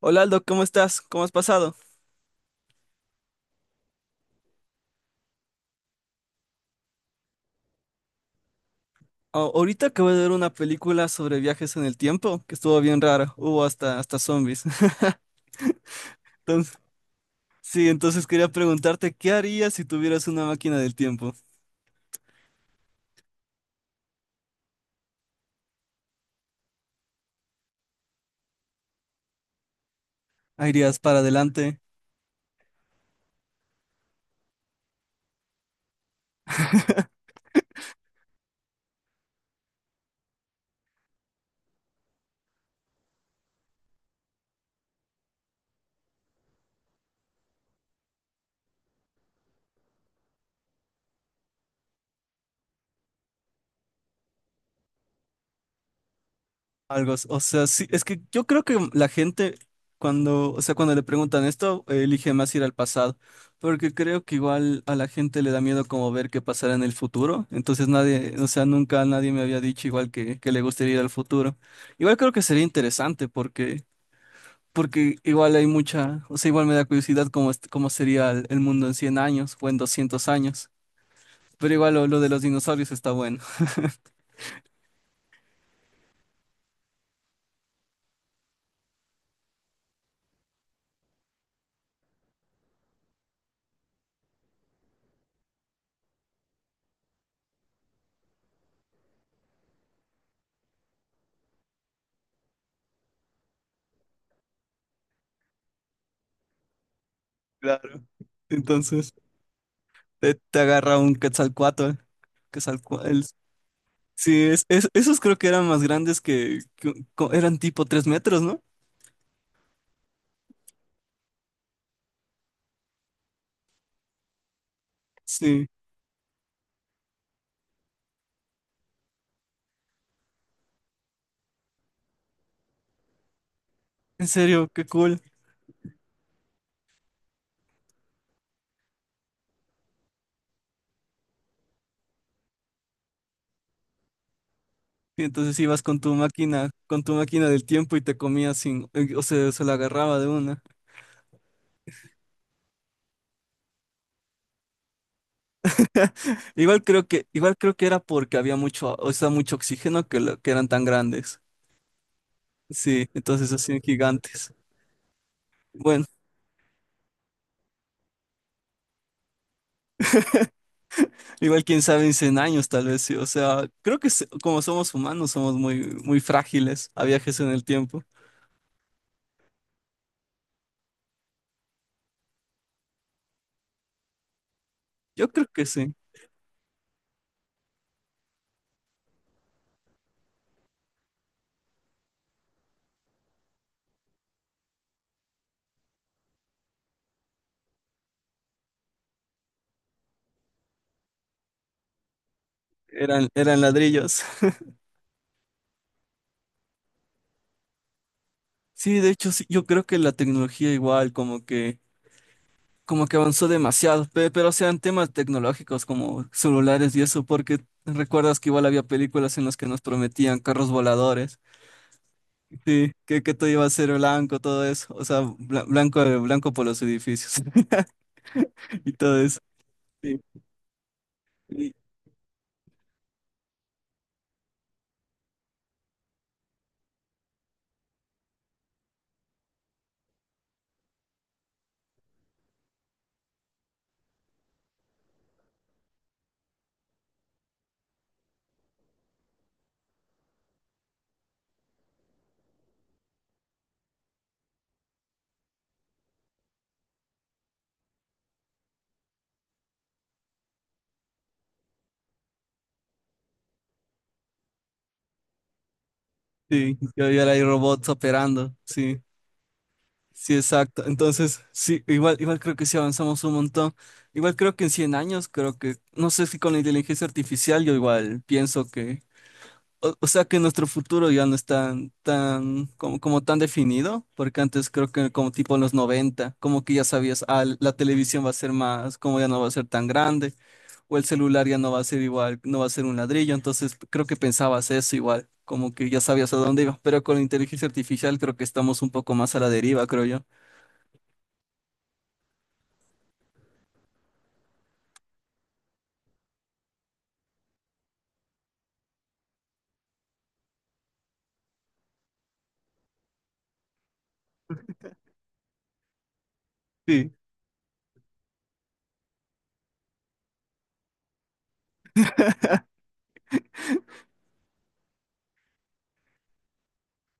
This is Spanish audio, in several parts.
Hola, Aldo, ¿cómo estás? ¿Cómo has pasado? Ahorita acabo de ver una película sobre viajes en el tiempo que estuvo bien rara. Hubo hasta zombies. Entonces, sí, entonces, quería preguntarte, ¿qué harías si tuvieras una máquina del tiempo? ¿Ah, irías para adelante? Algo, o sea, sí, es que yo creo que la gente cuando, o sea, cuando le preguntan esto, elige más ir al pasado, porque creo que igual a la gente le da miedo como ver qué pasará en el futuro, entonces nadie, o sea, nunca nadie me había dicho igual que le gustaría ir al futuro. Igual creo que sería interesante porque igual hay mucha, o sea, igual me da curiosidad cómo sería el mundo en 100 años o en 200 años, pero igual lo de los dinosaurios está bueno. Claro. Entonces... Te agarra un quetzalcoatl, ¿eh? Quetzalcoatl. Sí, esos creo que eran más grandes que eran tipo 3 metros, ¿no? Sí, en serio, qué cool. Y entonces ibas con tu máquina del tiempo y te comías sin, o sea, se la agarraba de una. Igual creo que era porque había mucho, o sea, mucho oxígeno que eran tan grandes. Sí, entonces hacían gigantes. Bueno. Igual quién sabe, en 100 años tal vez sí, o sea, como somos humanos somos muy frágiles a viajes en el tiempo. Yo creo que sí, eran ladrillos. Sí, de hecho sí, yo creo que la tecnología igual como que avanzó demasiado, pero sean temas tecnológicos como celulares y eso, porque recuerdas que igual había películas en las que nos prometían carros voladores, sí, que todo iba a ser blanco, todo eso, o sea, blanco por los edificios. Y todo eso. Sí. Sí, ya hay robots operando, sí, sí, exacto. Entonces, sí, igual creo que sí avanzamos un montón. Igual creo que en 100 años, creo que, no sé si con la inteligencia artificial, yo igual pienso que o sea que nuestro futuro ya no es tan, tan, como, como tan definido, porque antes creo que como tipo en los 90 como que ya sabías, ah, la televisión va a ser más, como ya no va a ser tan grande, o el celular ya no va a ser igual, no va a ser un ladrillo, entonces creo que pensabas eso igual, como que ya sabías a dónde iba, pero con la inteligencia artificial creo que estamos un poco más a la deriva, creo yo. Sí.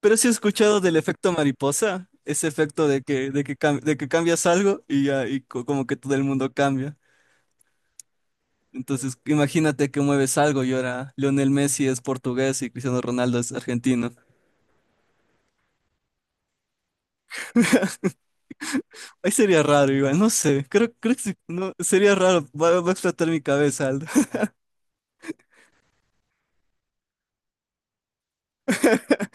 Pero sí he escuchado del efecto mariposa, ese efecto de que cambias algo y ya, y como que todo el mundo cambia. Entonces, imagínate que mueves algo y ahora Lionel Messi es portugués y Cristiano Ronaldo es argentino. Ahí sería raro, igual, no sé, creo que sí, no, sería raro, va, va a explotar mi cabeza, Aldo.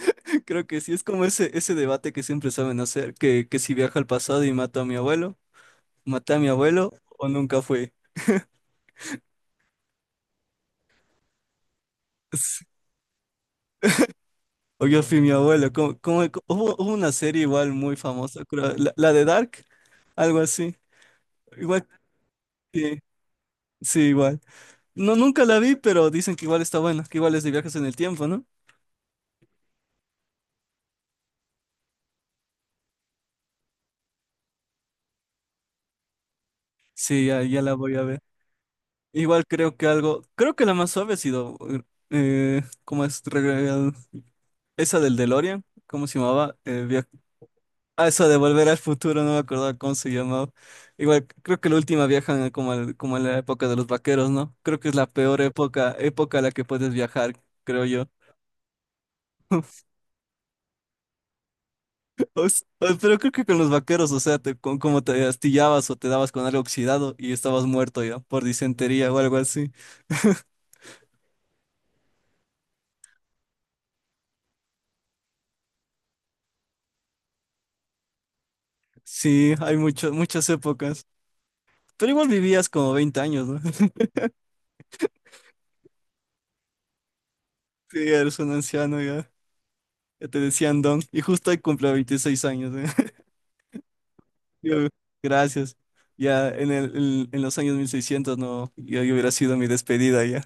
Creo que sí, es como ese debate que siempre saben hacer, que si viajo al pasado y mato a mi abuelo, maté a mi abuelo o nunca fui. O yo fui mi abuelo, hubo una serie igual muy famosa, creo, la de Dark, algo así, igual, sí, sí, igual. No, nunca la vi, pero dicen que igual está buena, que igual es de viajes en el tiempo, ¿no? Sí, ya la voy a ver. Igual creo que algo, creo que la más suave ha sido, ¿cómo es? Esa del DeLorean, ¿cómo se llamaba? Ah, esa de Volver al Futuro, no me acordaba cómo se llamaba. Igual creo que la última viajan como, como en la época de los vaqueros, ¿no? Creo que es la peor época, época a la que puedes viajar, creo yo. Pero creo que con los vaqueros, o sea, te, con, como te astillabas o te dabas con algo oxidado y estabas muerto ya por disentería o algo así. Sí, hay mucho, muchas épocas. Pero igual vivías como 20 años, ¿no? Sí, eres un anciano ya. Ya te decían don. Y justo hoy cumple 26 años, ¿eh? Yo- Gracias. Ya en los años 1600, no, yo hubiera sido mi despedida ya.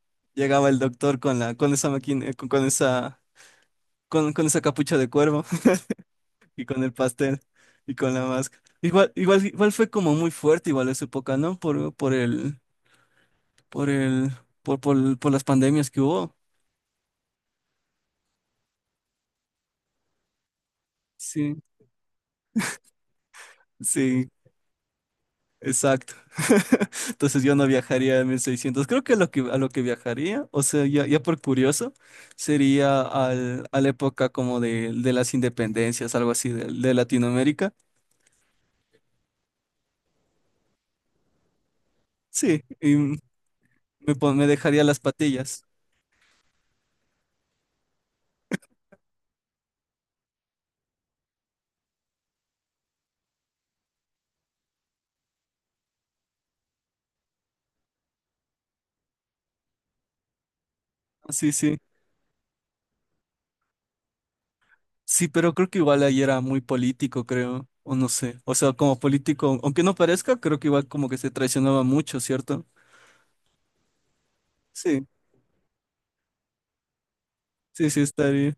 Llegaba el doctor con la, con esa máquina, con esa, con esa capucha de cuervo. Y con el pastel y con la máscara. Igual fue como muy fuerte, igual esa época, ¿no? Por el, por el, por las pandemias que hubo. Sí, sí, exacto. Entonces yo no viajaría a 1600. Creo que a lo que viajaría, o sea, ya por curioso, sería a la época como de las independencias, algo así de Latinoamérica. Sí, y me, me dejaría las patillas. Sí, sí. Sí, pero creo que igual ahí era muy político, creo, o no sé. O sea, como político, aunque no parezca, creo que igual como que se traicionaba mucho, ¿cierto? Sí, sí, estaría.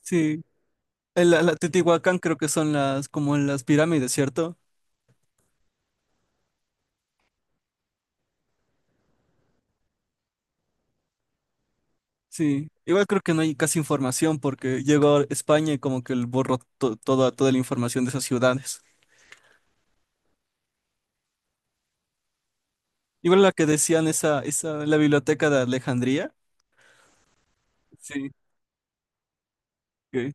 Sí, en la Teotihuacán creo que son las, como en las pirámides, ¿cierto? Sí, igual creo que no hay casi información porque llegó a España y como que el borró toda, toda la información de esas ciudades. Igual la que decían esa, la biblioteca de Alejandría. Sí. Ok.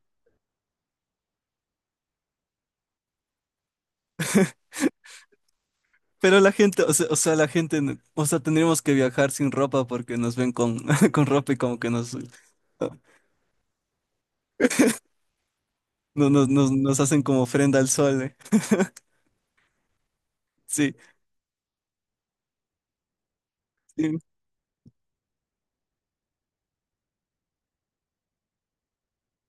Pero la gente, o sea, la gente, tendríamos que viajar sin ropa porque nos ven con, con ropa y como que nos, nos hacen como ofrenda al sol, eh. Sí, sí.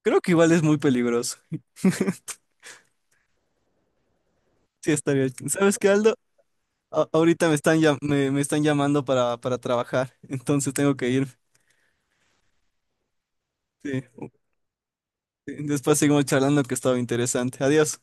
Creo que igual es muy peligroso. Sí, estaría. ¿Sabes qué, Aldo? Ahorita me están, me están llamando para trabajar, entonces tengo que ir. Sí. Sí. Después seguimos charlando, que estaba interesante. Adiós.